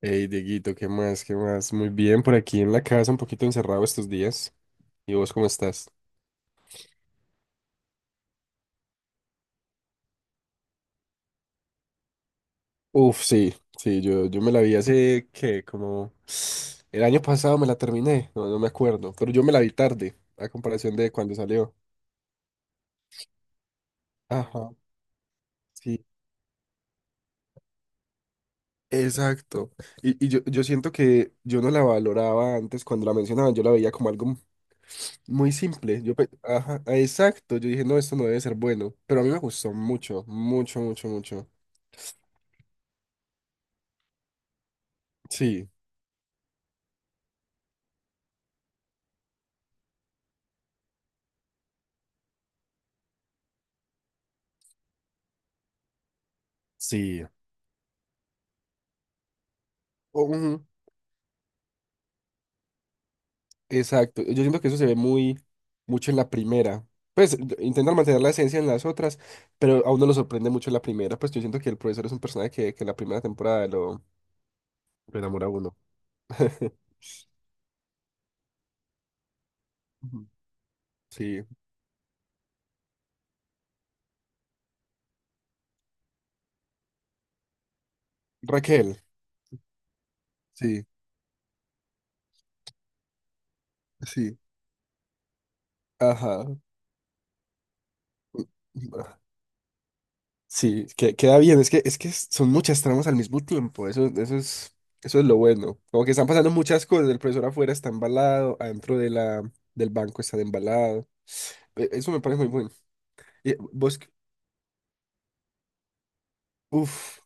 Hey, Dieguito, ¿qué más? ¿Qué más? Muy bien, por aquí en la casa, un poquito encerrado estos días. ¿Y vos cómo estás? Uf, sí, sí, yo me la vi hace que como el año pasado me la terminé, no, no me acuerdo, pero yo me la vi tarde, a comparación de cuando salió. Ajá, sí, exacto. Y yo, yo siento que yo no la valoraba antes cuando la mencionaban, yo la veía como algo muy simple. Yo, ajá, exacto, yo dije, no, esto no debe ser bueno, pero a mí me gustó mucho, mucho, mucho, mucho. Sí, sí. Ujú. Exacto. Yo siento que eso se ve muy mucho en la primera. Pues intentan mantener la esencia en las otras, pero a uno lo sorprende mucho en la primera. Pues yo siento que el profesor es un personaje que en la primera temporada lo enamora a uno. Ujú. Sí. Raquel. Sí, sí. Ajá. ah, Sí, queda bien. Es que son muchas tramas al mismo tiempo. Eso, eso es lo bueno. Como que están pasando muchas cosas. El profesor afuera está embalado, adentro de del banco está embalado. Eso me parece muy bueno. ¿Y vos? Uf,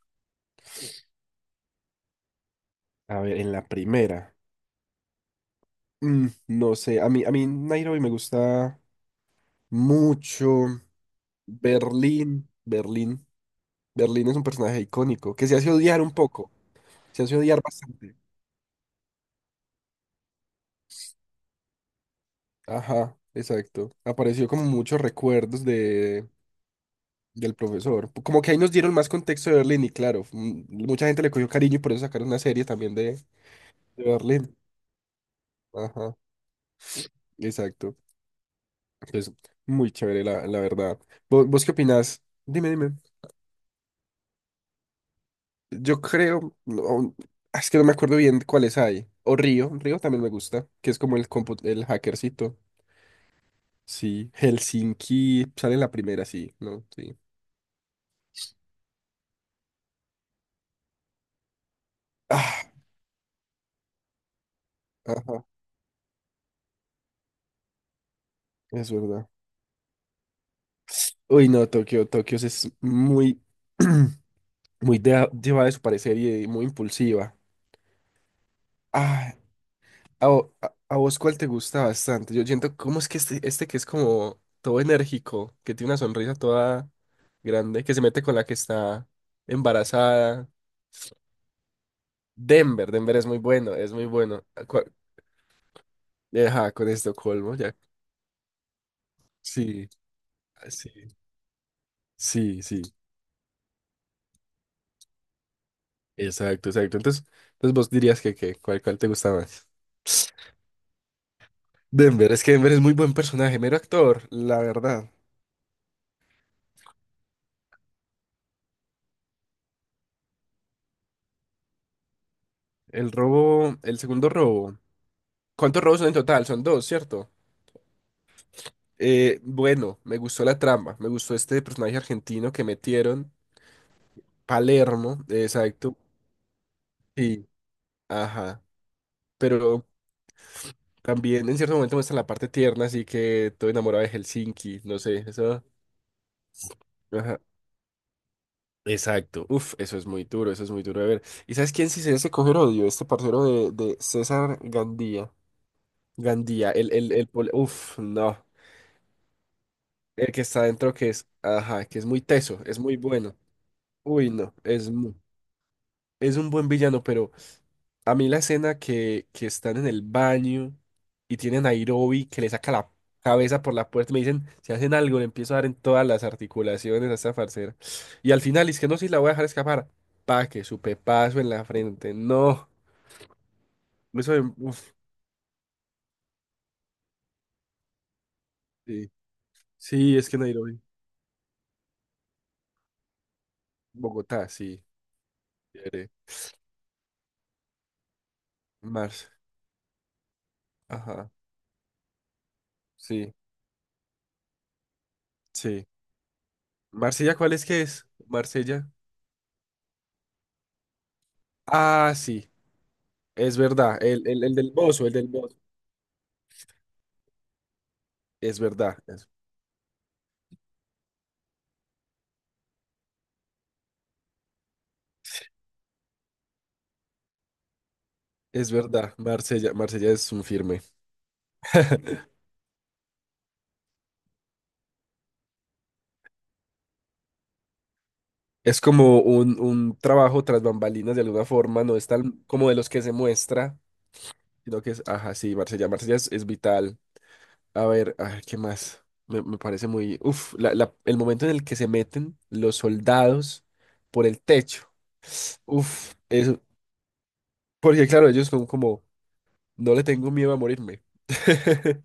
a ver, en la primera. No sé, a mí Nairobi me gusta mucho. Berlín, Berlín. Berlín es un personaje icónico que se hace odiar un poco, se hace odiar bastante. Ajá, exacto. Apareció como muchos recuerdos de, del profesor. Como que ahí nos dieron más contexto de Berlín y claro, mucha gente le cogió cariño y por eso sacaron una serie también de Berlín. Ajá, exacto. Entonces, muy chévere, la verdad. ¿Vos, vos qué opinás? Dime, dime. Yo creo, no, es que no me acuerdo bien cuáles hay. O Río, Río también me gusta, que es como el el hackercito. Sí, Helsinki sale en la primera, sí, ¿no? Sí. Ah, ajá, es verdad. Uy, no, Tokio, Tokio es muy, muy llevada de su parecer y muy impulsiva. Ah, a vos cuál te gusta bastante. Yo siento, ¿cómo es que este que es como todo enérgico, que tiene una sonrisa toda grande, que se mete con la que está embarazada? Denver, Denver es muy bueno, es muy bueno. Ajá, con Estocolmo, ya. Sí, ah, sí, sí, sí. Exacto, exacto. Entonces, entonces vos dirías que ¿cuál, cuál te gusta más? Denver, es que Denver es muy buen personaje, mero actor, la verdad. El robo, el segundo robo. ¿Cuántos robos son en total? Son dos, ¿cierto? Bueno, me gustó la trama, me gustó este personaje argentino que metieron, Palermo, exacto, y, ajá, pero también en cierto momento muestran la parte tierna, así que todo enamorado de Helsinki, no sé, eso, ajá, exacto, uf, eso es muy duro, eso es muy duro de ver. ¿Y sabes quién sí se debe coger odio? Este parcero de César Gandía, Gandía, el, uf, no, el que está adentro que es, ajá, que es muy teso, es muy bueno, uy, no, es, es un buen villano, pero... A mí la escena que están en el baño y tienen a Nairobi que le saca la cabeza por la puerta y me dicen, si hacen algo, le empiezo a dar en todas las articulaciones a esta farcera. Y al final, es que no, si la voy a dejar escapar. Pa, que su pepazo en la frente. No. Uf, sí. Sí, es que Nairobi. Bogotá, sí. Chévere. Mars. Ajá. Sí, sí. Marsella, ¿cuál es que es? Marsella. Ah, sí. Es verdad. El, el del Bozo, el del Bozo. Es verdad. Es verdad, Marsella, Marsella es un firme. Es como un trabajo tras bambalinas de alguna forma, no es tan como de los que se muestra, sino que es, ajá, sí, Marsella, Marsella es vital. A ver, ay, ¿qué más? Me parece muy, uf, el momento en el que se meten los soldados por el techo. Uf, eso, porque claro, ellos son como, no le tengo miedo a morirme.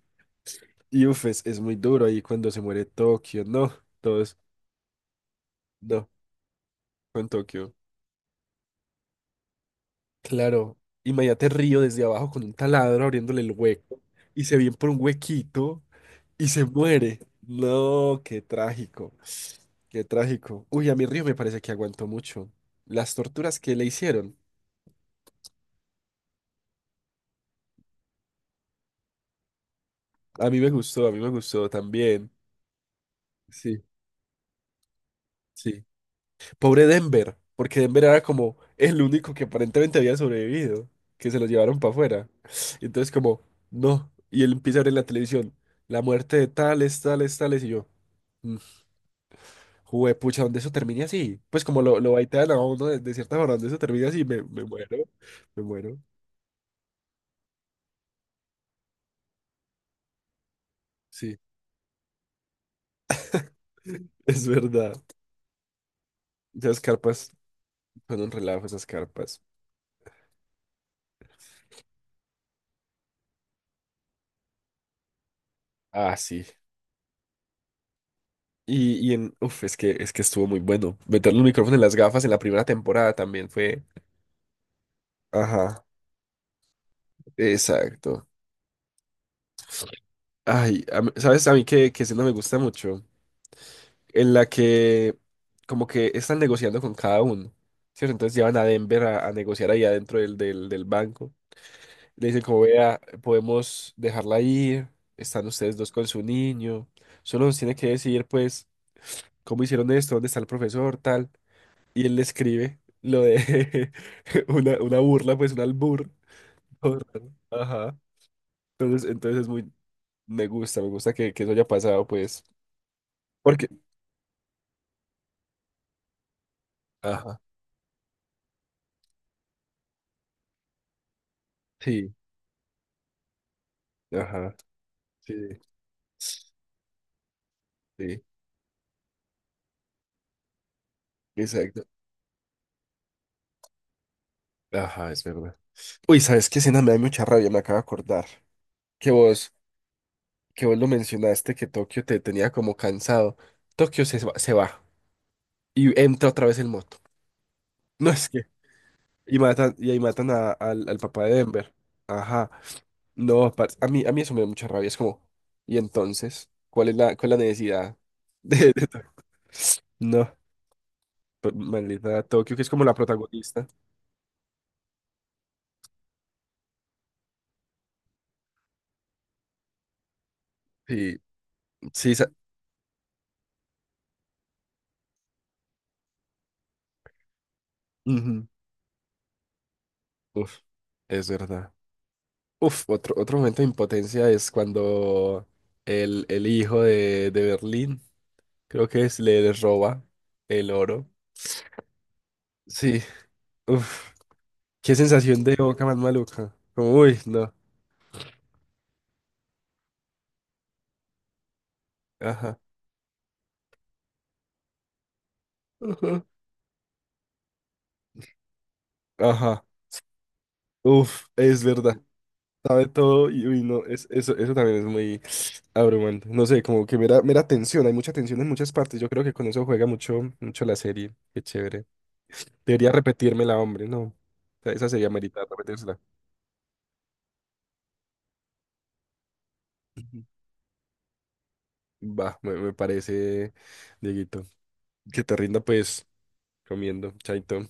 Y uf, es muy duro ahí cuando se muere Tokio, no, todos, no, con Tokio. Claro, imagínate Río desde abajo con un taladro abriéndole el hueco y se viene por un huequito y se muere. No, qué trágico, qué trágico. Uy, a mí Río me parece que aguantó mucho. Las torturas que le hicieron, a mí me gustó, a mí me gustó también. Sí, sí. Pobre Denver, porque Denver era como el único que aparentemente había sobrevivido, que se lo llevaron para afuera. Y entonces como, no, y él empieza a ver en la televisión la muerte de tales, tales, tales y yo. Juepucha, ¿dónde eso termine así? Pues como lo baitean a uno de cierta forma, ¿dónde eso termine así? Me muero, me muero. Sí, es verdad. Esas carpas son un relajo, esas carpas. Ah, sí. Y en, uf, es que estuvo muy bueno. Meter los micrófonos en las gafas en la primera temporada también fue. Ajá, exacto. Ay, ¿sabes a mí que sí no me gusta mucho? En la que como que están negociando con cada uno, ¿cierto? Entonces llevan a Denver a negociar ahí adentro del, del banco. Le dicen como vea, podemos dejarla ir, están ustedes dos con su niño, solo nos tiene que decir pues cómo hicieron esto, dónde está el profesor, tal. Y él le escribe lo de una burla, pues un albur. Todo raro. Ajá. Entonces, entonces es muy, me gusta que eso haya pasado, pues. Porque, ajá, sí, ajá, sí, sí, exacto. Ajá, es verdad. Uy, ¿sabes qué escena me da mucha rabia? Me acabo de acordar. Que vos... que vos lo mencionaste, que Tokio te tenía como cansado. Tokio se va y entra otra vez en moto. No es que. Y matan, y ahí matan al, al papá de Denver. Ajá. No, parce, a mí eso me da mucha rabia. Es como, ¿y entonces? Cuál es la necesidad de, No, pues, maldita Tokio, que es como la protagonista. Sí, sí, esa- ujú. Uf, es verdad. Uf, otro, otro momento de impotencia es cuando el hijo de Berlín. Creo que es, le les roba el oro. Sí. Uf. Qué sensación de boca más maluca. Como, uy, no. Ajá. Ajá. Ajá. Uf, es verdad. Sabe todo y uy, no, es, eso también es muy abrumante. No sé, como que mera, mera tensión, hay mucha tensión en muchas partes. Yo creo que con eso juega mucho, mucho la serie. Qué chévere. Debería repetírmela, hombre, no. O sea, esa sería meritar repetírsela. Ujú. Va, me parece, Dieguito. Que te rinda pues comiendo, chaito.